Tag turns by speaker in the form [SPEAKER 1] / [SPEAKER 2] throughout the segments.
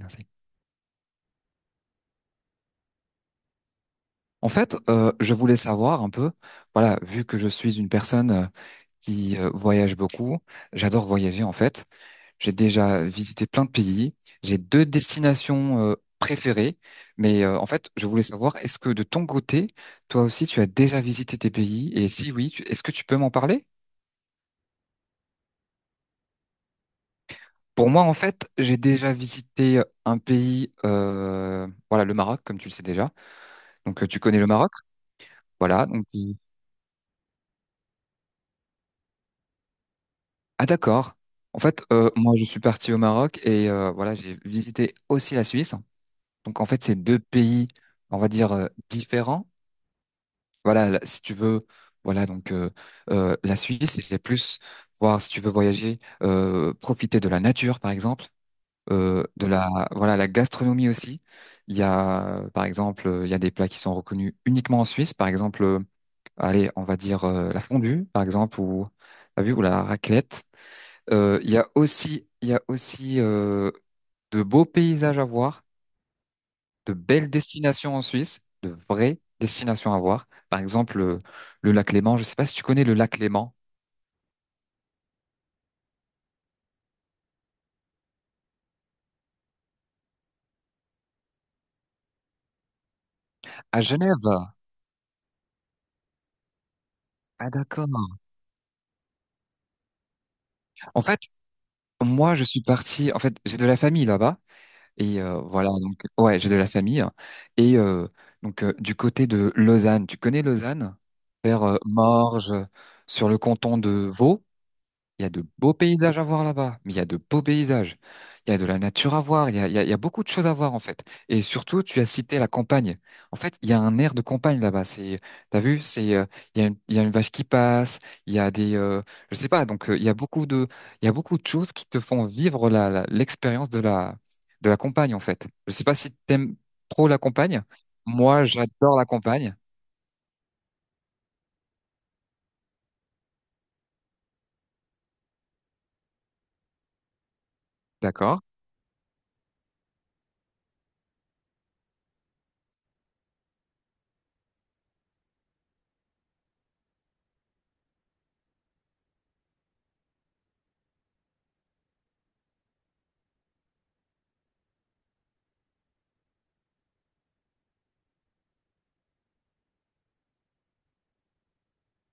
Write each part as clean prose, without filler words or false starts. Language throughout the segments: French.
[SPEAKER 1] Merci. En fait, je voulais savoir un peu, voilà, vu que je suis une personne qui voyage beaucoup, j'adore voyager en fait. J'ai déjà visité plein de pays. J'ai deux destinations préférées, mais en fait, je voulais savoir, est-ce que de ton côté, toi aussi, tu as déjà visité tes pays? Et si oui, est-ce que tu peux m'en parler? Pour moi, en fait, j'ai déjà visité un pays, voilà, le Maroc, comme tu le sais déjà. Donc, tu connais le Maroc, voilà. Ah d'accord. En fait, moi je suis parti au Maroc et voilà, j'ai visité aussi la Suisse. Donc en fait, c'est deux pays, on va dire, différents. Voilà, là, si tu veux, voilà, donc, la Suisse, c'est plus voir si tu veux voyager, profiter de la nature, par exemple, de la voilà, la gastronomie aussi. Il y a, par exemple, il y a des plats qui sont reconnus uniquement en Suisse, par exemple, allez, on va dire la fondue, par exemple, ou, t'as vu, ou la raclette. Il y a aussi, il y a aussi de beaux paysages à voir, de belles destinations en Suisse, de vraies destinations à voir. Par exemple, le lac Léman. Je ne sais pas si tu connais le lac Léman à Genève. Ah d'accord. En fait, moi, je suis parti. En fait, j'ai de la famille là-bas et voilà. Donc, ouais, j'ai de la famille et du côté de Lausanne. Tu connais Lausanne? Vers Morges, sur le canton de Vaud. Il y a de beaux paysages à voir là-bas, mais il y a de beaux paysages. Il y a de la nature à voir, il y a beaucoup de choses à voir en fait. Et surtout, tu as cité la campagne. En fait, il y a un air de campagne là-bas. T'as vu, il y a il y a une vache qui passe, il y a des, je sais pas. Donc, il y a beaucoup de choses qui te font vivre l'expérience de la campagne en fait. Je sais pas si t'aimes trop la campagne. Moi, j'adore la campagne. D'accord?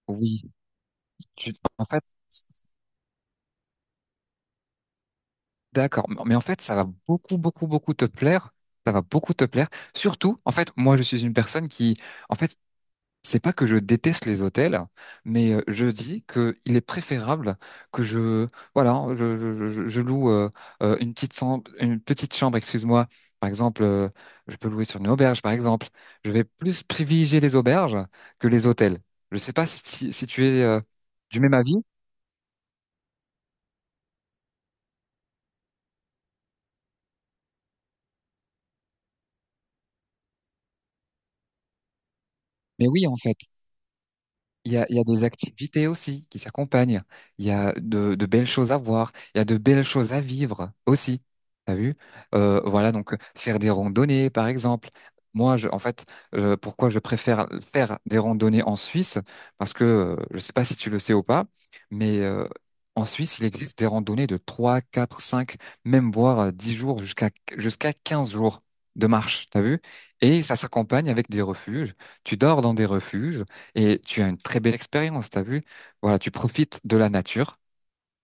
[SPEAKER 1] Oui. Tu, en fait. D'accord, mais en fait, ça va beaucoup, beaucoup, beaucoup te plaire. Ça va beaucoup te plaire. Surtout, en fait, moi, je suis une personne qui, en fait, c'est pas que je déteste les hôtels, mais je dis que il est préférable que je, voilà, je loue une petite chambre, excuse-moi. Par exemple, je peux louer sur une auberge, par exemple. Je vais plus privilégier les auberges que les hôtels. Je sais pas si tu es du même avis, mais oui, en fait. Il y a des activités aussi qui s'accompagnent. Il y a de belles choses à voir. Il y a de belles choses à vivre aussi. T'as vu? Voilà, donc faire des randonnées, par exemple. En fait, pourquoi je préfère faire des randonnées en Suisse? Parce que, je sais pas si tu le sais ou pas, mais en Suisse, il existe des randonnées de 3 4 5 même voire 10 jours jusqu'à 15 jours de marche. T'as vu? Et ça s'accompagne avec des refuges. Tu dors dans des refuges. Et tu as une très belle expérience, t'as vu? Voilà, tu profites de la nature,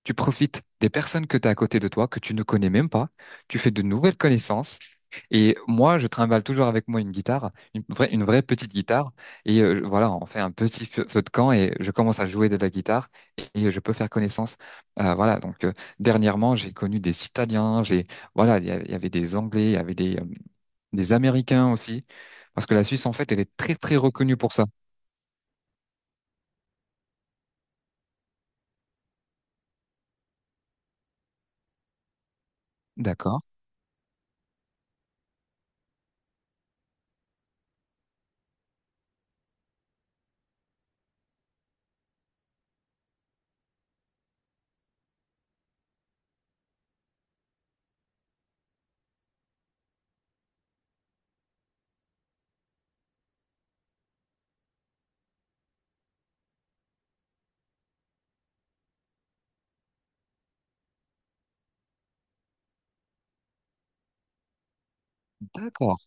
[SPEAKER 1] tu profites des personnes que tu as à côté de toi, que tu ne connais même pas, tu fais de nouvelles connaissances. Et moi, je trimballe toujours avec moi une guitare, une vraie petite guitare. Et voilà, on fait un petit feu de camp et je commence à jouer de la guitare et je peux faire connaissance. Voilà, donc dernièrement, j'ai connu des Italiens, voilà, il y avait des Anglais, il y avait des Américains aussi. Parce que la Suisse, en fait, elle est très, très reconnue pour ça. D'accord. D'accord.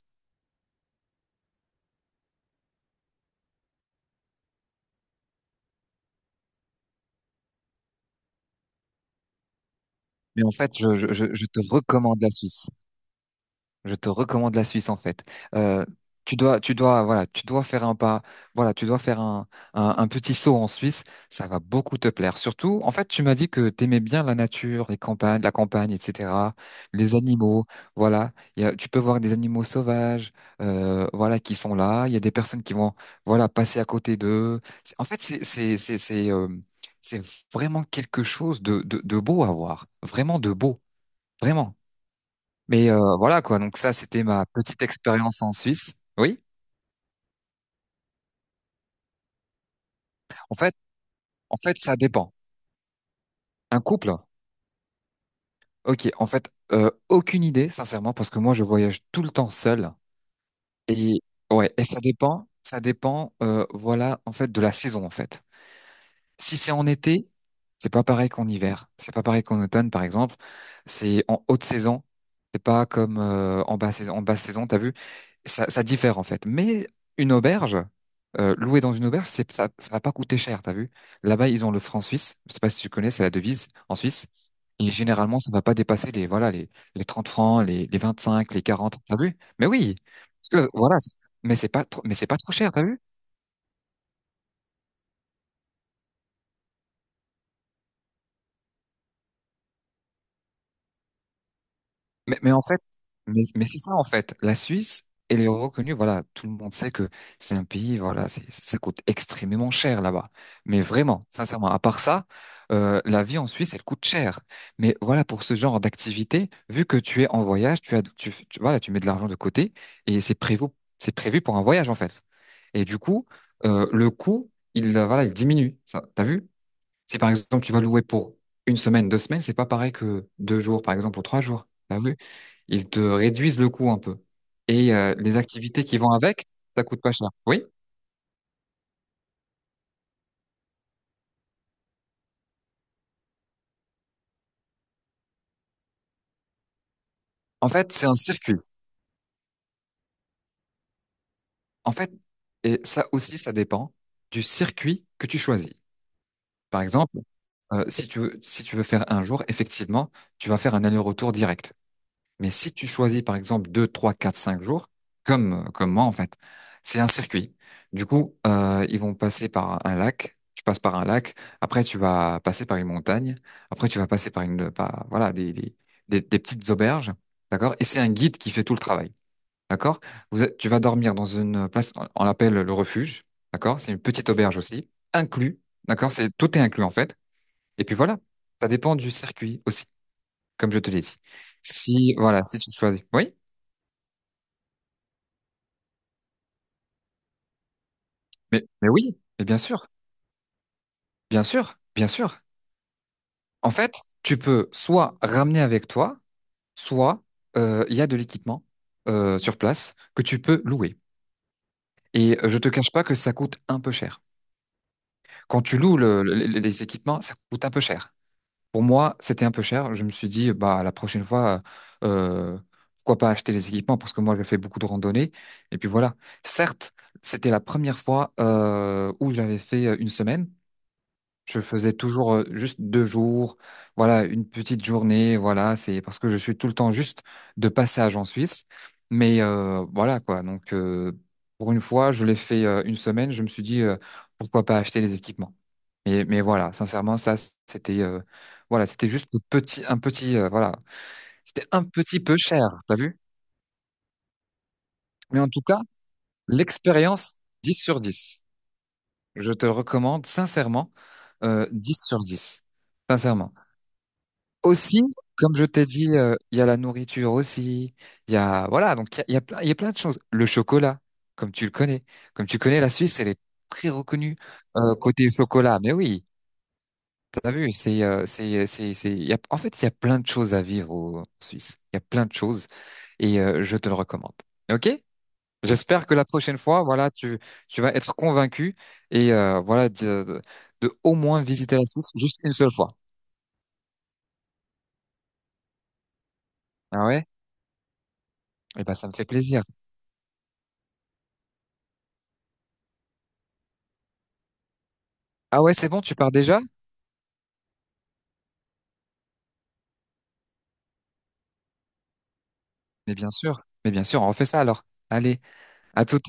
[SPEAKER 1] Mais en fait, je te recommande la Suisse. Je te recommande la Suisse en fait. Euh, voilà, tu dois faire un pas, voilà, tu dois faire un petit saut en Suisse. Ça va beaucoup te plaire. Surtout, en fait, tu m'as dit que t'aimais bien la nature, les campagnes, la campagne, etc. Les animaux, voilà. Tu peux voir des animaux sauvages, voilà, qui sont là. Il y a des personnes qui vont, voilà, passer à côté d'eux. En fait, c'est vraiment quelque chose de beau à voir, vraiment de beau. Vraiment. Mais voilà quoi. Donc ça, c'était ma petite expérience en Suisse. Oui. En fait, En fait, ça dépend. Un couple. Ok. En fait, aucune idée, sincèrement, parce que moi, je voyage tout le temps seul. Et ouais. Et ça dépend. Ça dépend. Voilà. En fait, de la saison. En fait. Si c'est en été, c'est pas pareil qu'en hiver. C'est pas pareil qu'en automne, par exemple. C'est en haute saison. C'est pas comme en basse saison. En basse saison, t'as vu, ça diffère en fait. Mais une auberge, louer dans une auberge, c'est ça, ça va pas coûter cher, t'as vu. Là-bas, ils ont le franc suisse. Je sais pas si tu connais, c'est la devise en Suisse. Et généralement, ça va pas dépasser les voilà les 30 francs, les cinq les 40. T'as vu? Mais oui, parce que voilà. Mais c'est pas trop, mais c'est pas trop cher, t'as vu? Mais en fait, mais c'est ça en fait. La Suisse, elle est reconnue. Voilà, tout le monde sait que c'est un pays. Voilà, ça coûte extrêmement cher là-bas. Mais vraiment, sincèrement, à part ça, la vie en Suisse, elle coûte cher. Mais voilà, pour ce genre d'activité, vu que tu es en voyage, tu as, tu- voilà, tu mets de l'argent de côté et c'est prévu pour un voyage en fait. Et du coup, le coût, voilà, il diminue. Ça, t'as vu? Si par exemple tu vas louer pour une semaine, 2 semaines, c'est pas pareil que 2 jours, par exemple, ou 3 jours. T'as vu? Ils te réduisent le coût un peu. Et les activités qui vont avec, ça coûte pas cher. Oui? En fait, c'est un circuit. En fait, et ça aussi, ça dépend du circuit que tu choisis. Par exemple, si tu veux faire un jour, effectivement, tu vas faire un aller-retour direct. Mais si tu choisis, par exemple, 2 3 4 5 jours, comme moi, en fait, c'est un circuit. Du coup, ils vont passer par un lac. Tu passes par un lac. Après, tu vas passer par une montagne. Après, tu vas passer par voilà, des petites auberges. D'accord? Et c'est un guide qui fait tout le travail. D'accord? Tu vas dormir dans une place, on l'appelle le refuge. D'accord? C'est une petite auberge aussi. Inclus. D'accord? Tout est inclus, en fait. Et puis voilà. Ça dépend du circuit aussi, comme je te l'ai dit. Si, voilà, si tu choisis. Oui? Mais oui, mais bien sûr, bien sûr, bien sûr. En fait, tu peux soit ramener avec toi, soit il y a de l'équipement sur place que tu peux louer. Et je te cache pas que ça coûte un peu cher. Quand tu loues les équipements, ça coûte un peu cher. Pour moi, c'était un peu cher. Je me suis dit, bah la prochaine fois, euh, pourquoi pas acheter les équipements parce que moi, je fais beaucoup de randonnées. Et puis voilà. Certes, c'était la première fois où j'avais fait une semaine. Je faisais toujours juste 2 jours, voilà, une petite journée, voilà, c'est parce que je suis tout le temps juste de passage en Suisse. Mais voilà quoi, donc pour une fois, je l'ai fait une semaine, je me suis dit pourquoi pas acheter les équipements. Mais voilà, sincèrement, ça c'était euh, voilà, c'était juste un petit, c'était un petit peu cher, t'as vu? Mais en tout cas, l'expérience 10/10. Je te le recommande sincèrement, 10 sur dix. Sincèrement. Aussi, comme je t'ai dit, il y a la nourriture aussi. Il y a, voilà, donc il y a plein de choses. Le chocolat, comme tu le connais. Comme tu connais, la Suisse, elle est très reconnue côté chocolat. Mais oui, t'as vu, il y a, en fait, il y a plein de choses à vivre en Suisse. Il y a plein de choses et je te le recommande. OK? J'espère que la prochaine fois, voilà, tu vas être convaincu et voilà, de au moins visiter la Suisse juste une seule fois. Ah ouais? Eh ben, ça me fait plaisir. Ah ouais, c'est bon, tu pars déjà? Mais bien sûr, on refait ça alors. Allez, à tout